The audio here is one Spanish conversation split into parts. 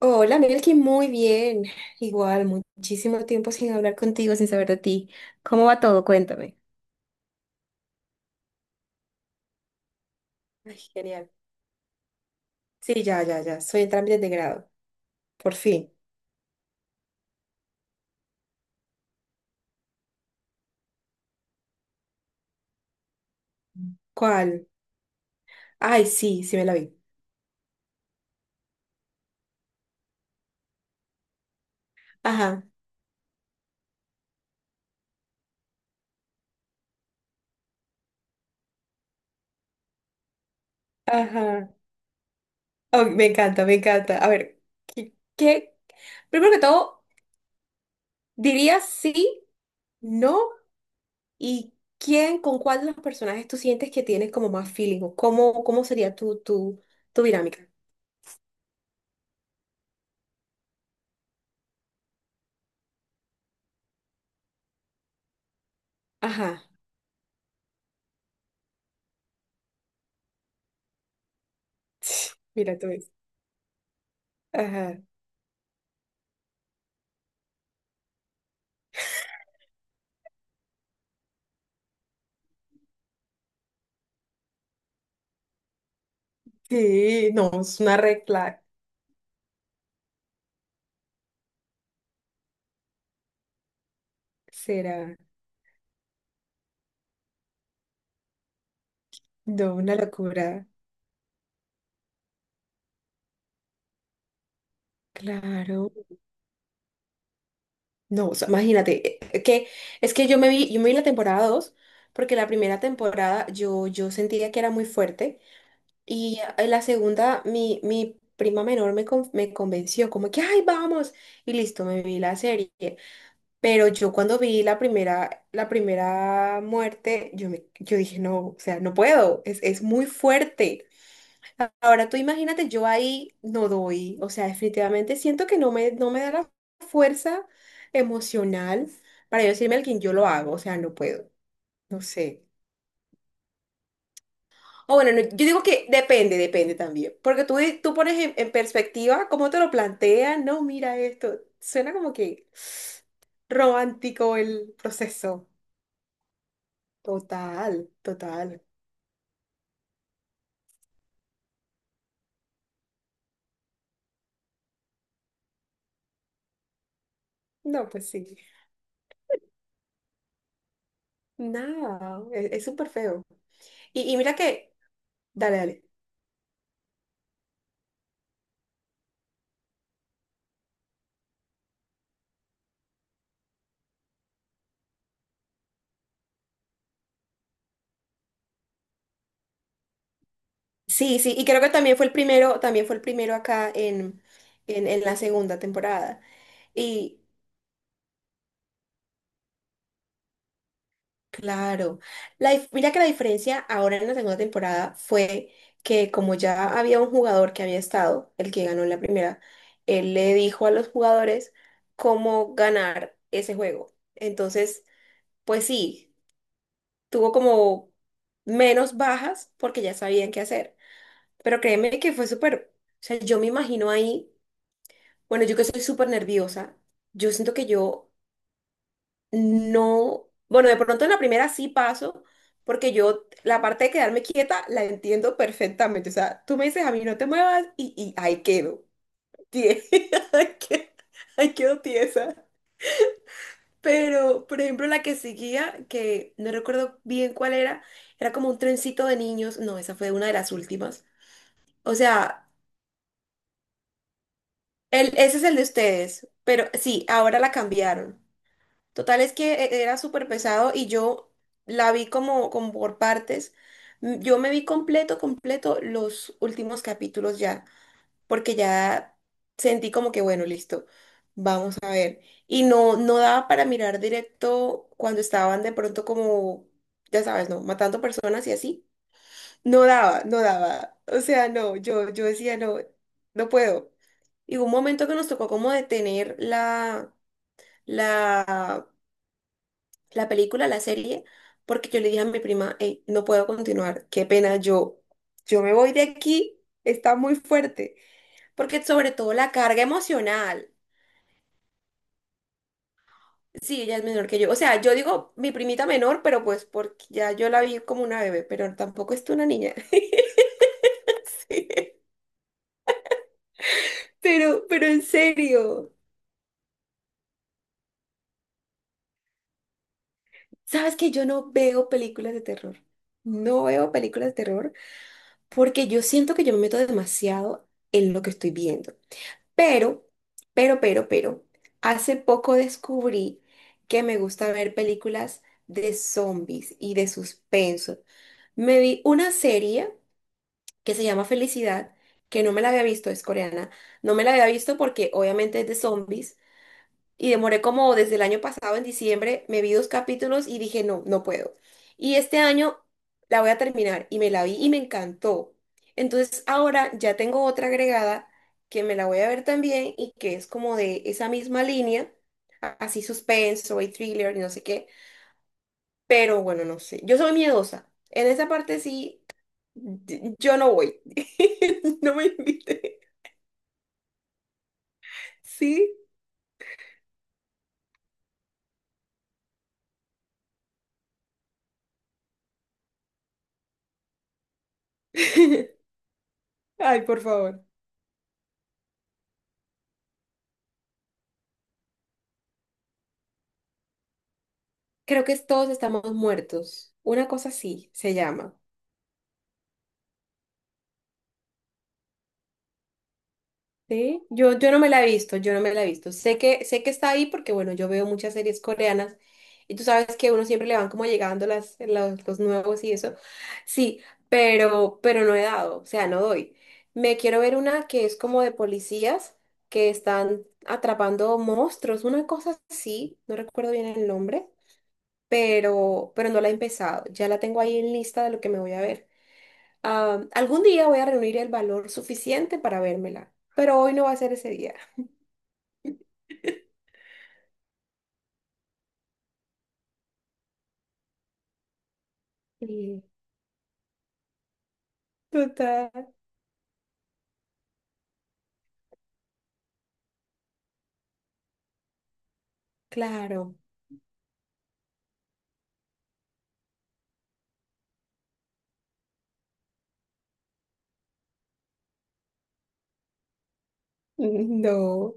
Hola, Melkin, muy bien. Igual, muchísimo tiempo sin hablar contigo, sin saber de ti. ¿Cómo va todo? Cuéntame. Ay, genial. Sí, ya, ya, ya. Soy en trámites de grado. Por fin. ¿Cuál? Ay, sí, sí me la vi. Ajá, ajá. Oh, me encanta, me encanta. A ver, ¿qué? Primero que todo, diría sí, no, y quién, con cuál de los personajes tú sientes que tienes como más feeling o cómo, cómo sería tu dinámica. Ajá. Mira tú eso. Sí, no, es una red flag, será, no, una locura, claro, no, o sea, imagínate, que es que yo me vi la temporada 2, porque la primera temporada yo sentía que era muy fuerte, y en la segunda mi prima menor me convenció, como que, ay, vamos, y listo, me vi la serie, pero yo cuando vi la primera muerte, yo dije, no, o sea, no puedo, es muy fuerte. Ahora tú imagínate, yo ahí no doy, o sea, definitivamente siento que no me da la fuerza emocional para yo decirme a quien yo lo hago, o sea, no puedo, no sé. O bueno, no, yo digo que depende, depende también, tú pones en perspectiva cómo te lo plantean, no, mira esto, suena como que romántico el proceso. Total, total. No, pues sí. Nada, es súper feo. Y, y mira que, dale, dale. Sí, sí, y creo que también fue el primero, también fue el primero acá en la segunda temporada. Y claro, mira que la diferencia ahora en la segunda temporada fue que como ya había un jugador que había estado, el que ganó en la primera, él le dijo a los jugadores cómo ganar ese juego. Entonces, pues sí, tuvo como menos bajas porque ya sabían qué hacer. Pero créeme que fue súper, o sea, yo me imagino ahí. Bueno, yo que soy súper nerviosa, yo siento que yo no, bueno, de pronto en la primera sí paso, porque yo la parte de quedarme quieta la entiendo perfectamente. O sea, tú me dices a mí no te muevas y ahí quedo, tie- ahí que- ahí quedo tiesa. Pero, por ejemplo, la que seguía, que no recuerdo bien cuál era, era como un trencito de niños. No, esa fue una de las últimas. O sea, ese es el de ustedes, pero sí, ahora la cambiaron. Total es que era súper pesado y yo la vi como, como por partes. Yo me vi completo, completo los últimos capítulos ya, porque ya sentí como que, bueno, listo, vamos a... Y no, no daba para mirar directo cuando estaban de pronto como, ya sabes, ¿no? Matando personas y así. No daba, no daba. O sea, no, yo decía, no, no puedo. Y hubo un momento que nos tocó como detener la la película, la serie, porque yo le dije a mi prima: "Ey, no puedo continuar, qué pena, yo me voy de aquí, está muy fuerte, porque sobre todo la carga emocional, sí, ella es menor que yo, o sea, yo digo mi primita menor, pero pues porque ya yo la vi como una bebé, pero tampoco es una niña". Sí, pero en serio, ¿sabes que yo no veo películas de terror? No veo películas de terror porque yo siento que yo me meto demasiado en lo que estoy viendo. Pero, pero hace poco descubrí que me gusta ver películas de zombies y de suspenso. Me vi una serie que se llama Felicidad, que no me la había visto, es coreana. No me la había visto porque obviamente es de zombies. Y demoré como desde el año pasado, en diciembre, me vi dos capítulos y dije, no, no puedo. Y este año la voy a terminar y me la vi y me encantó. Entonces ahora ya tengo otra agregada que me la voy a ver también y que es como de esa misma línea, así suspenso y thriller y no sé qué. Pero bueno, no sé. Yo soy miedosa. En esa parte sí, yo no voy. No me invite. Sí. Ay, por favor. Creo que todos estamos muertos. Una cosa así se llama. ¿Sí? Yo no me la he visto, yo no me la he visto. Sé que está ahí porque, bueno, yo veo muchas series coreanas y tú sabes que a uno siempre le van como llegando los nuevos y eso. Sí, pero no he dado, o sea, no doy. Me quiero ver una que es como de policías que están atrapando monstruos, una cosa así, no recuerdo bien el nombre, pero no la he empezado. Ya la tengo ahí en lista de lo que me voy a ver. Ah, algún día voy a reunir el valor suficiente para vérmela, pero hoy no va a ser ese día. Sí. Total. Claro. No.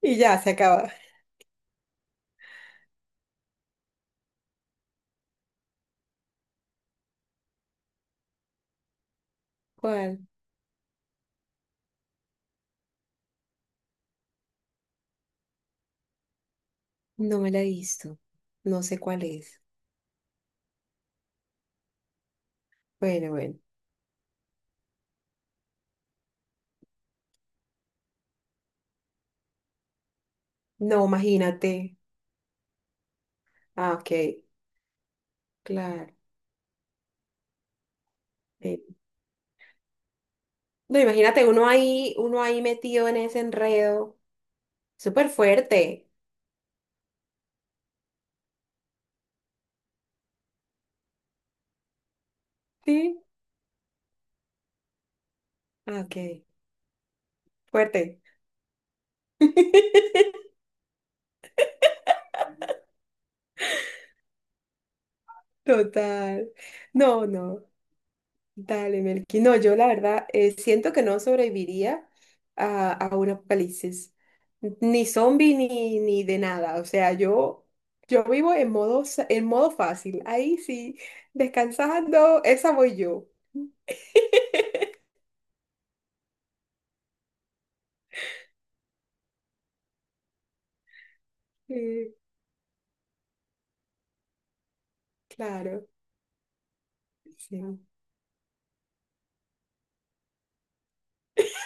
Y ya se acaba. ¿Cuál? No me la he visto. No sé cuál es. Bueno, bueno. No, imagínate. Ah, ok. Claro. Eh, no, imagínate uno ahí metido en ese enredo. Súper fuerte. Sí. Ah, ok. Fuerte. Total. No, no. Dale, Melqui. No, yo la verdad siento que no sobreviviría a un apocalipsis. Ni zombie ni, ni de nada. O sea, yo vivo en modo, en modo fácil. Ahí sí, descansando, esa voy yo. Eh, claro, sí.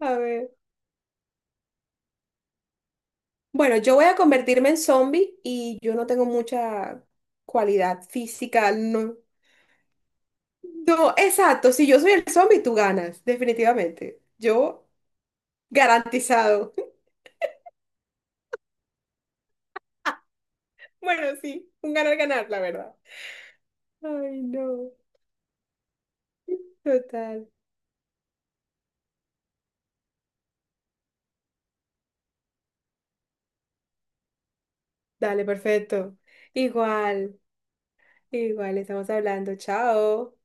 A ver. Bueno, yo voy a convertirme en zombie y yo no tengo mucha cualidad física. No, no, exacto. Si yo soy el zombie, tú ganas, definitivamente. Yo garantizado. Bueno, sí, un ganar-ganar, la verdad. Ay, no. Total. Dale, perfecto. Igual, igual, estamos hablando. Chao.